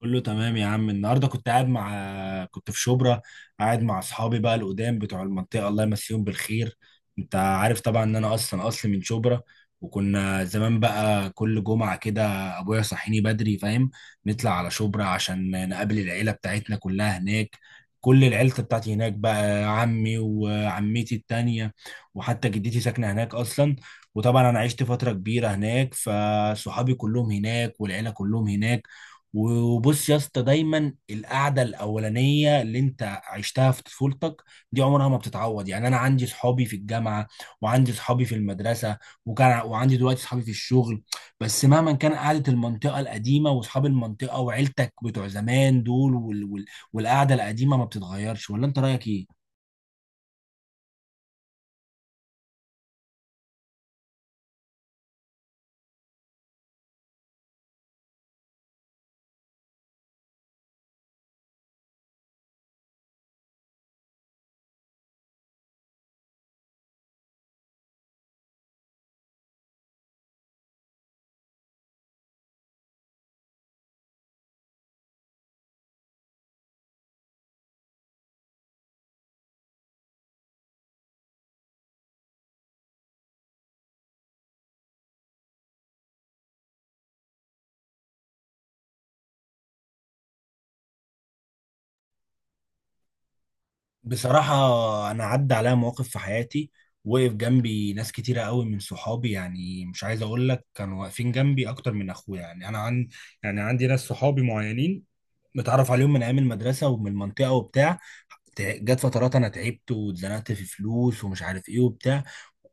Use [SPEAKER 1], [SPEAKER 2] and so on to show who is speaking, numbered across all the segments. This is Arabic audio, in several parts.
[SPEAKER 1] كله تمام يا عم. النهارده كنت قاعد مع في شبرا، قاعد مع اصحابي بقى القدام بتوع المنطقه، الله يمسيهم بالخير. انت عارف طبعا ان انا اصلا اصلي من شبرا، وكنا زمان بقى كل جمعه كده ابويا يصحيني بدري، فاهم؟ نطلع على شبرا عشان نقابل العيله بتاعتنا كلها هناك. كل العيلة بتاعتي هناك بقى، عمي وعمتي التانية، وحتى جدتي ساكنة هناك أصلا. وطبعا أنا عشت فترة كبيرة هناك، فصحابي كلهم هناك والعيلة كلهم هناك. وبص يا اسطى، دايما القعده الاولانيه اللي انت عشتها في طفولتك دي عمرها ما بتتعوض. يعني انا عندي صحابي في الجامعه، وعندي صحابي في المدرسه، وعندي دلوقتي صحابي في الشغل، بس مهما كان قعده المنطقه القديمه واصحاب المنطقه وعيلتك بتوع زمان دول، والقعده القديمه ما بتتغيرش. ولا انت رايك ايه؟ بصراحة، أنا عدى عليا مواقف في حياتي وقف جنبي ناس كتيرة قوي من صحابي، يعني مش عايز أقول لك كانوا واقفين جنبي أكتر من أخويا. يعني أنا عن يعني عندي ناس صحابي معينين متعرف عليهم من أيام المدرسة ومن المنطقة وبتاع. جت فترات أنا تعبت واتزنقت في فلوس ومش عارف إيه وبتاع،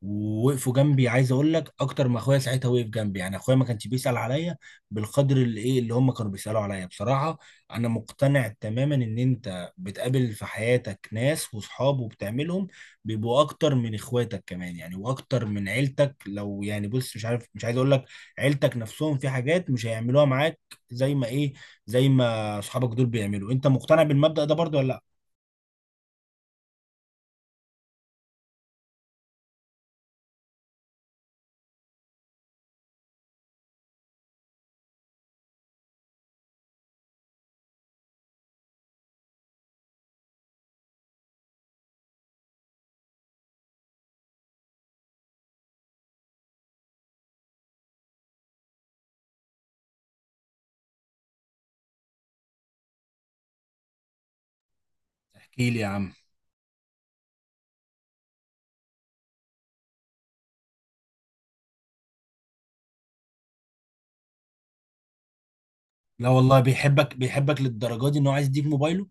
[SPEAKER 1] ووقفوا جنبي عايز أقول لك أكتر ما أخويا. ساعتها وقف جنبي، يعني أخويا ما كانش بيسأل عليا بالقدر اللي إيه، اللي هم كانوا بيسألوا عليا بصراحة. أنا مقتنع تماما إن أنت بتقابل في حياتك ناس وصحاب وبتعملهم بيبقوا اكتر من اخواتك كمان، يعني واكتر من عيلتك لو يعني، بص، مش عارف، مش عايز اقول لك، عيلتك نفسهم في حاجات مش هيعملوها معاك زي ما ايه، زي ما اصحابك دول بيعملوا. انت مقتنع بالمبدأ ده برضو ولا لا؟ احكي لي يا عم. لا والله، بيحبك بيحبك للدرجة دي ان هو عايز يديك موبايله؟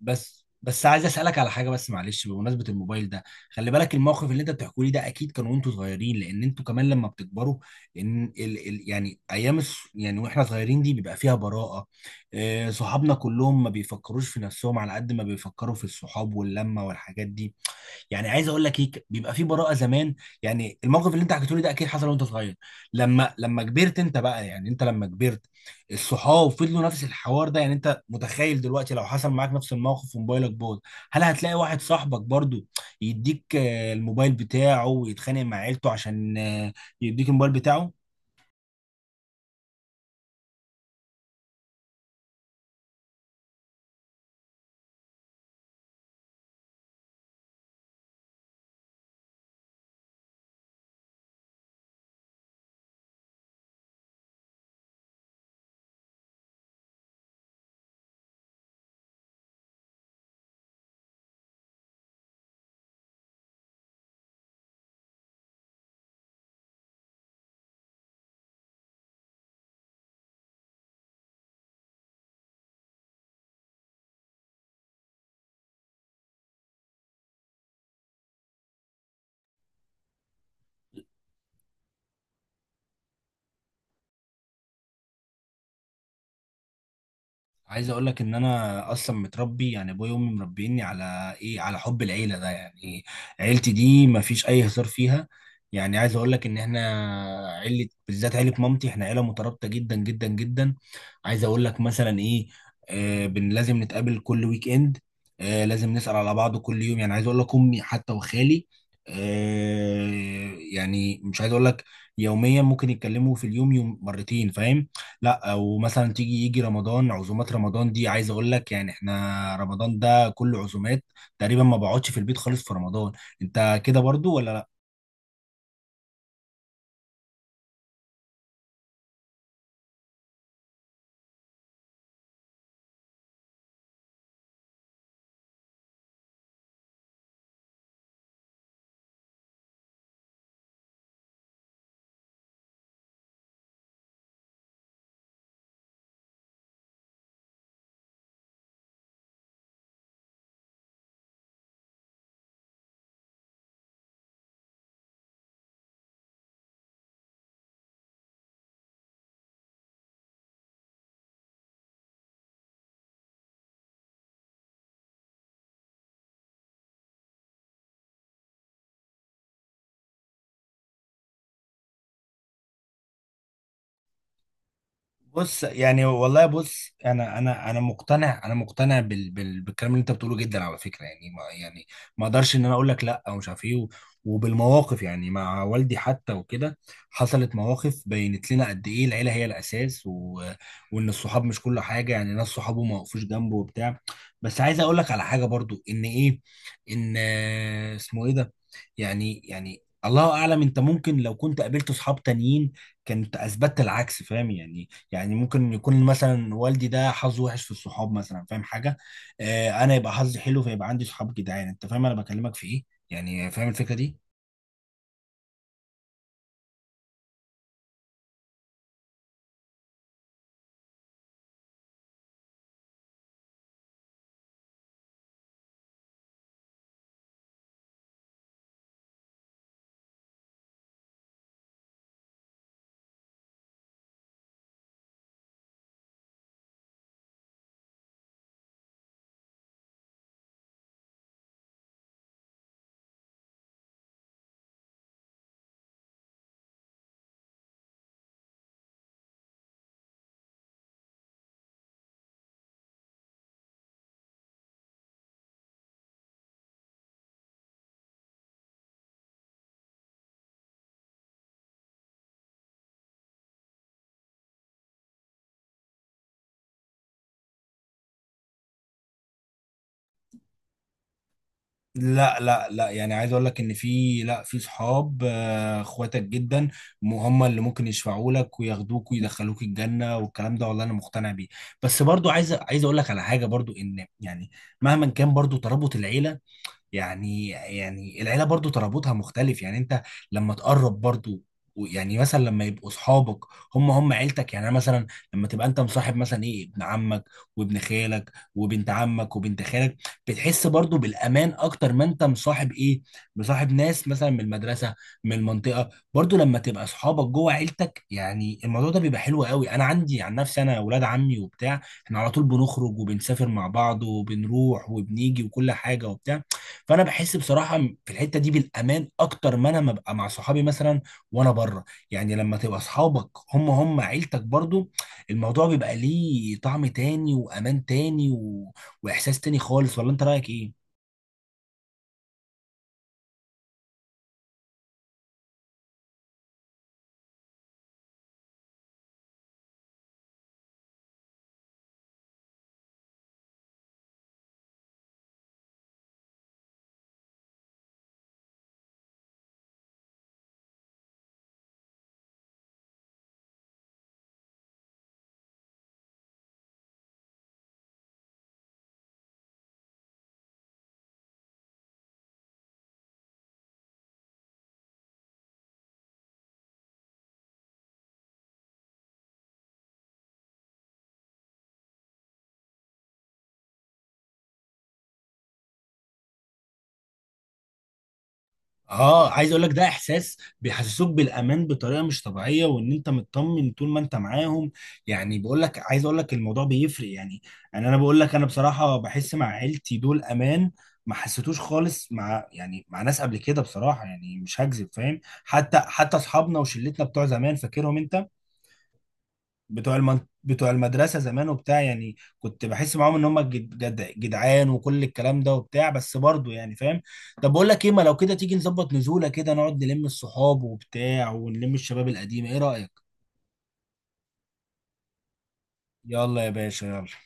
[SPEAKER 1] بس عايز اسالك على حاجه بس معلش، بمناسبه الموبايل ده، خلي بالك الموقف اللي انت بتحكوا لي ده اكيد كان وانتوا صغيرين، لان انتوا كمان لما بتكبروا ان ال ال يعني يعني واحنا صغيرين دي بيبقى فيها براءه. صحابنا كلهم ما بيفكروش في نفسهم على قد ما بيفكروا في الصحاب واللمه والحاجات دي. يعني عايز اقول لك ايه، بيبقى في براءه زمان. يعني الموقف اللي انت حكيته لي ده اكيد حصل وانت صغير. لما كبرت انت بقى، يعني انت لما كبرت الصحاب فضلوا نفس الحوار ده. يعني انت متخيل دلوقتي لو حصل معاك نفس الموقف وموبايلك باظ، هل هتلاقي واحد صاحبك برضو يديك الموبايل بتاعه ويتخانق مع عيلته عشان يديك الموبايل بتاعه؟ عايز اقول لك ان انا اصلا متربي، يعني ابويا وامي مربيني على ايه، على حب العيله ده. يعني عيلتي دي ما فيش اي هزار فيها. يعني عايز اقول لك ان احنا عيله، بالذات عيله مامتي، احنا عيله مترابطه جدا جدا جدا. عايز اقول لك مثلا ايه، بن لازم نتقابل كل ويك اند. لازم نسال على بعض كل يوم. يعني عايز اقول لك امي حتى وخالي، آه يعني مش عايز اقول لك يوميا، ممكن يتكلموا في اليوم يوم مرتين، فاهم؟ لا، ومثلا تيجي يجي رمضان، عزومات رمضان دي عايز اقول لك، يعني احنا رمضان ده كله عزومات، تقريبا ما بقعدش في البيت خالص في رمضان. انت كده برضو ولا؟ بص يعني، والله بص، انا مقتنع، انا مقتنع بال بالكلام اللي انت بتقوله جدا على فكره. يعني ما يعني ما اقدرش ان انا اقول لك لا ومش عارف ايه وبالمواقف، يعني مع والدي حتى وكده حصلت مواقف بينت لنا قد ايه العيله هي الاساس، وان الصحاب مش كل حاجه. يعني ناس صحابه ما وقفوش جنبه وبتاع. بس عايز اقول لك على حاجه برضو، ان ايه، ان اسمه ايه ده، يعني الله اعلم، انت ممكن لو كنت قابلت صحاب تانيين كنت اثبتت العكس، فاهم يعني؟ يعني ممكن يكون مثلا والدي ده حظه وحش في الصحاب مثلا، فاهم حاجه؟ انا يبقى حظي حلو، فيبقى عندي صحاب جدعان. انت فاهم انا بكلمك في ايه؟ يعني فاهم الفكره دي؟ لا، يعني عايز اقول لك ان في، لا، في صحاب اخواتك جدا، هم اللي ممكن يشفعوا لك وياخدوك ويدخلوك الجنه والكلام ده، والله انا مقتنع بيه. بس برضو عايز اقول لك على حاجه برضو، ان يعني مهما كان برضو ترابط العيله، يعني العيله برضو ترابطها مختلف. يعني انت لما تقرب برضو يعني مثلا لما يبقوا اصحابك هم عيلتك، يعني انا مثلا لما تبقى انت مصاحب مثلا ايه، ابن عمك وابن خالك وبنت عمك وبنت خالك، بتحس برضو بالامان اكتر ما انت مصاحب ايه، مصاحب ناس مثلا من المدرسه، من المنطقه. برضو لما تبقى اصحابك جوه عيلتك، يعني الموضوع ده بيبقى حلو قوي. انا عندي عن نفسي انا اولاد عمي وبتاع احنا على طول بنخرج وبنسافر مع بعض وبنروح وبنيجي وكل حاجه وبتاع. فانا بحس بصراحه في الحته دي بالامان اكتر ما انا ما ببقى مع صحابي مثلا وانا بره. يعني لما تبقى اصحابك هم عيلتك برضو، الموضوع بيبقى ليه طعم تاني وامان تاني واحساس تاني خالص. ولا انت رايك ايه؟ اه، عايز اقول لك ده احساس بيحسسوك بالامان بطريقه مش طبيعيه، وان انت مطمن طول ما انت معاهم. يعني بقول لك، عايز اقول لك الموضوع بيفرق يعني. انا بقول لك، انا بصراحه بحس مع عيلتي دول امان ما حسيتوش خالص مع، يعني مع ناس قبل كده بصراحه، يعني مش هكذب فاهم. حتى اصحابنا وشلتنا بتوع زمان فاكرهم انت، بتوع المدرسه زمان وبتاع، يعني كنت بحس معاهم ان هم جدعان وكل الكلام ده وبتاع، بس برضه يعني فاهم. طب بقول لك ايه، ما لو كده تيجي نظبط نزوله كده نقعد نلم الصحاب وبتاع ونلم الشباب القديم، ايه رايك؟ يلا يا باشا يلا.